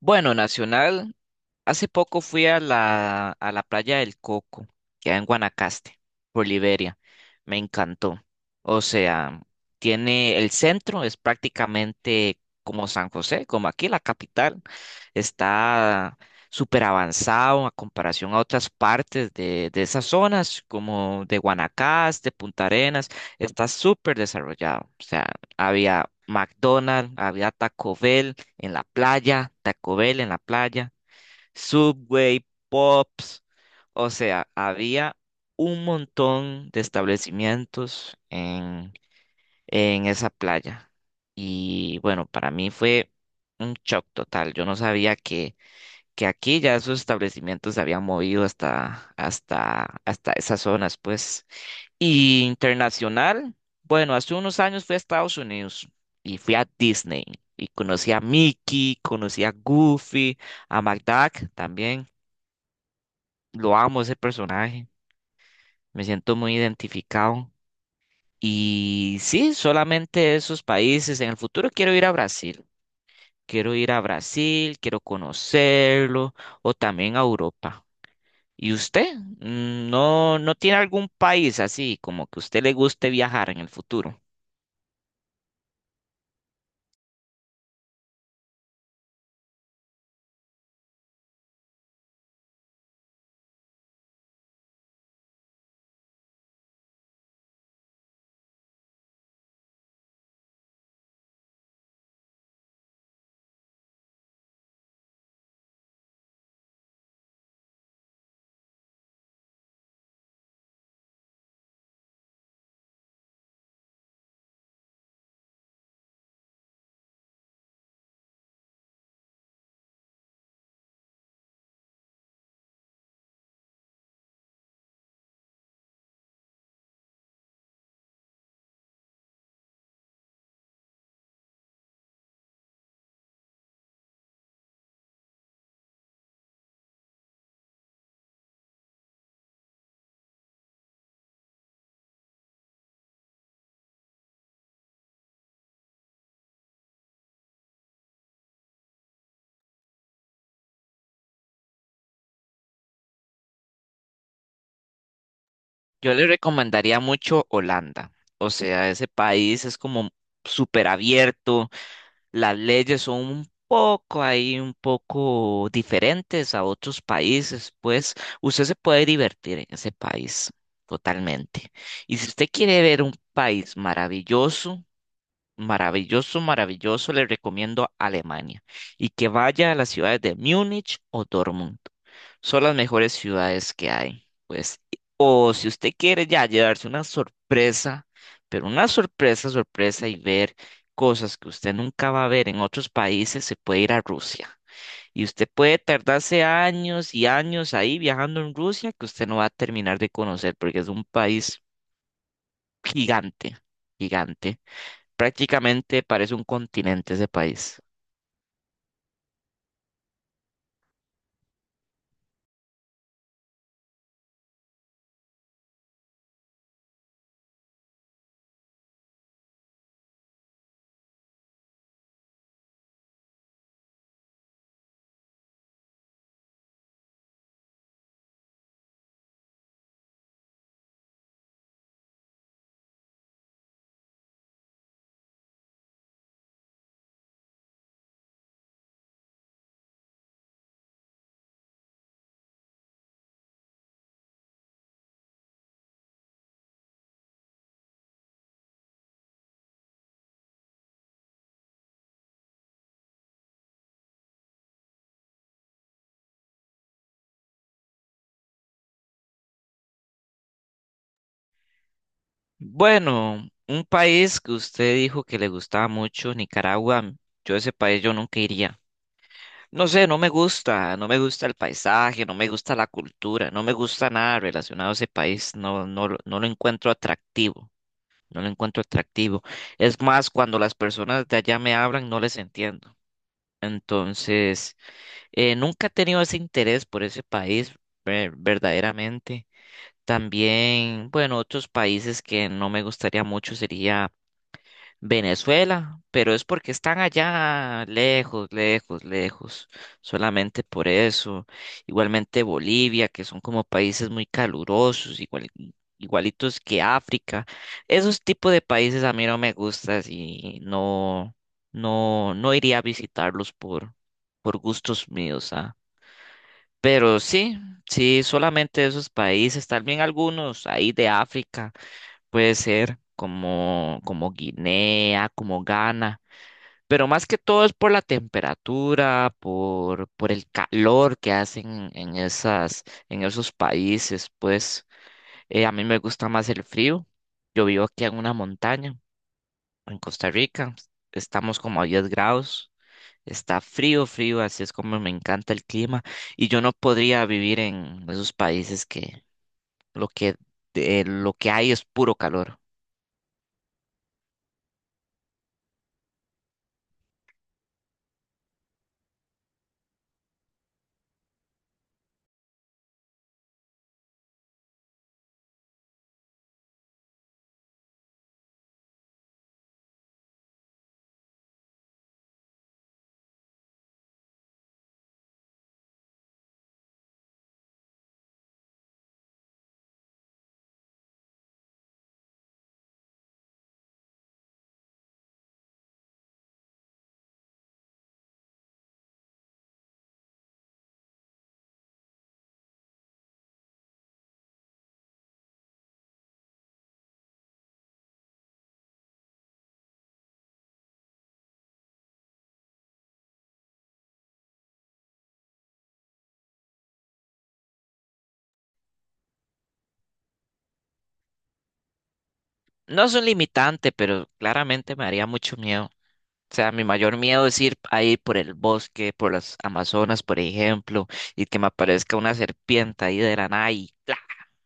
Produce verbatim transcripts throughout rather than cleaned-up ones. Bueno, nacional, hace poco fui a la, a la playa del Coco, que hay en Guanacaste, por Liberia. Me encantó. O sea, tiene el centro, es prácticamente como San José, como aquí la capital. Está súper avanzado a comparación a otras partes de, de esas zonas, como de Guanacaste, Punta Arenas. Está súper desarrollado. O sea, había McDonald's, había Taco Bell en la playa, Taco Bell en la playa. Subway, Pops, o sea, había un montón de establecimientos en, en esa playa. Y bueno, para mí fue un shock total. Yo no sabía que, que aquí ya esos establecimientos se habían movido hasta, hasta, hasta esas zonas, pues. Y internacional, bueno, hace unos años fui a Estados Unidos y fui a Disney. Y conocí a Mickey, conocí a Goofy, a McDuck también. Lo amo ese personaje, me siento muy identificado. Y sí, solamente esos países. En el futuro quiero ir a Brasil. Quiero ir a Brasil, quiero conocerlo, o también a Europa. ¿Y usted? Mm, ¿No, no tiene algún país así como que a usted le guste viajar en el futuro? Yo le recomendaría mucho Holanda. O sea, ese país es como súper abierto. Las leyes son un poco ahí, un poco diferentes a otros países, pues usted se puede divertir en ese país totalmente. Y si usted quiere ver un país maravilloso, maravilloso, maravilloso, le recomiendo Alemania y que vaya a las ciudades de Múnich o Dortmund. Son las mejores ciudades que hay. Pues, o si usted quiere ya llevarse una sorpresa, pero una sorpresa, sorpresa, y ver cosas que usted nunca va a ver en otros países, se puede ir a Rusia. Y usted puede tardarse años y años ahí viajando en Rusia que usted no va a terminar de conocer porque es un país gigante, gigante. Prácticamente parece un continente ese país. Bueno, un país que usted dijo que le gustaba mucho, Nicaragua. Yo ese país yo nunca iría. No sé, no me gusta, no me gusta el paisaje, no me gusta la cultura, no me gusta nada relacionado a ese país, no, no, lo- no lo encuentro atractivo, no lo encuentro atractivo. Es más, cuando las personas de allá me hablan, no les entiendo. Entonces, eh, nunca he tenido ese interés por ese país, ver- verdaderamente. También, bueno, otros países que no me gustaría mucho sería Venezuela, pero es porque están allá lejos, lejos, lejos, solamente por eso. Igualmente Bolivia, que son como países muy calurosos, igual, igualitos que África. Esos tipos de países a mí no me gustan y no, no, no iría a visitarlos por, por gustos míos, ¿ah? Pero sí, sí, solamente esos países, tal vez algunos ahí de África, puede ser como, como Guinea, como Ghana, pero más que todo es por la temperatura, por, por el calor que hacen en esas, en esos países, pues eh, a mí me gusta más el frío. Yo vivo aquí en una montaña, en Costa Rica, estamos como a diez grados. Está frío, frío, así es como me encanta el clima y yo no podría vivir en esos países que lo que, de- lo que hay es puro calor. No es un limitante, pero claramente me haría mucho miedo. O sea, mi mayor miedo es ir ahí por el bosque, por las Amazonas, por ejemplo, y que me aparezca una serpiente ahí de la nada y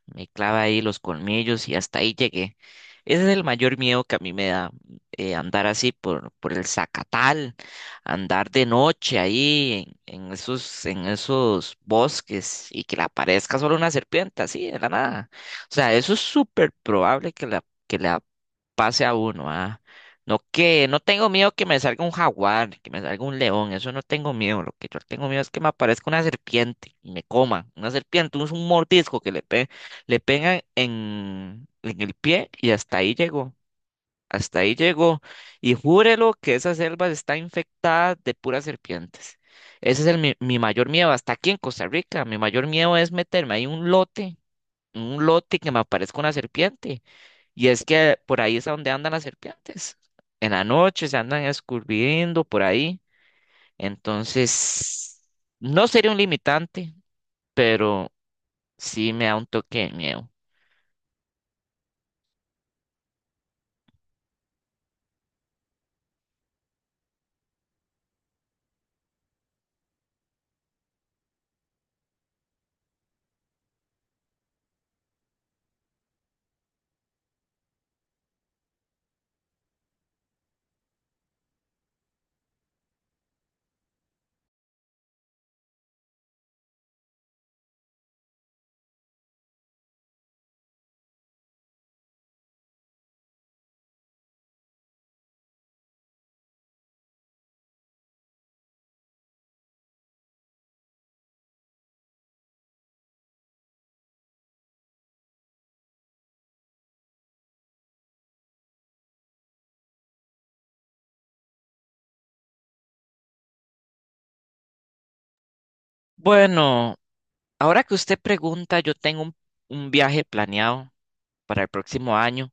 me clava ahí los colmillos y hasta ahí llegué. Ese es el mayor miedo que a mí me da, eh, andar así por, por el Zacatal, andar de noche ahí en, en esos, en esos bosques y que le aparezca solo una serpiente así de la nada. O sea, eso es súper probable que la, que la pase a uno, ah. No que, no tengo miedo que me salga un jaguar, que me salga un león, eso no tengo miedo. Lo que yo tengo miedo es que me aparezca una serpiente y me coma. Una serpiente, un un mordisco que le pegue. Le pegan en, en el pie y hasta ahí llegó. Hasta ahí llegó. Y júrelo que esa selva está infectada de puras serpientes. Ese es el, mi, mi mayor miedo. Hasta aquí en Costa Rica, mi mayor miedo es meterme ahí en un lote, en un lote que me aparezca una serpiente. Y es que por ahí es a donde andan las serpientes. En la noche se andan escurriendo por ahí. Entonces, no sería un limitante, pero sí me da un toque de miedo. Bueno. Ahora que usted pregunta, yo tengo un, un viaje planeado para el próximo año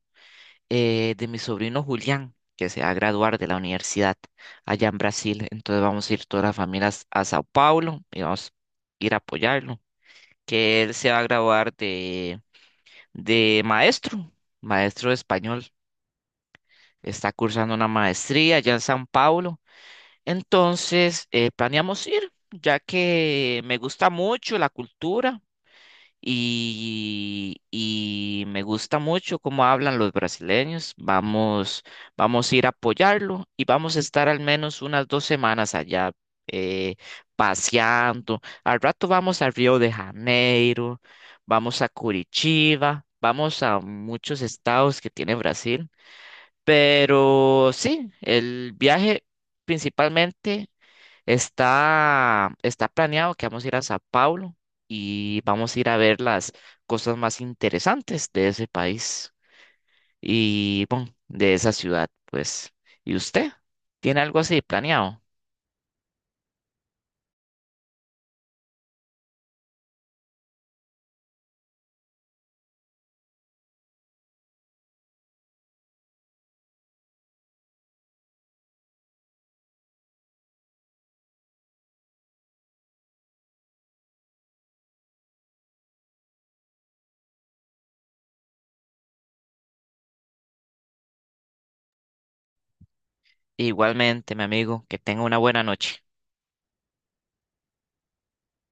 eh, de mi sobrino Julián, que se va a graduar de la universidad allá en Brasil. Entonces vamos a ir todas las familias a Sao Paulo y vamos a ir a apoyarlo, que él se va a graduar de, de maestro, maestro de español. Está cursando una maestría allá en Sao Paulo. Entonces eh, planeamos ir, ya que me gusta mucho la cultura. Y, y me gusta mucho cómo hablan los brasileños. Vamos, vamos a ir a apoyarlo y vamos a estar al menos unas dos semanas allá eh, paseando. Al rato vamos a Río de Janeiro, vamos a Curitiba, vamos a muchos estados que tiene Brasil. Pero sí, el viaje principalmente Está, está planeado que vamos a ir a Sao Paulo y vamos a ir a ver las cosas más interesantes de ese país y bueno, de esa ciudad, pues. ¿Y usted? ¿Tiene algo así planeado? Igualmente, mi amigo, que tenga una buena noche.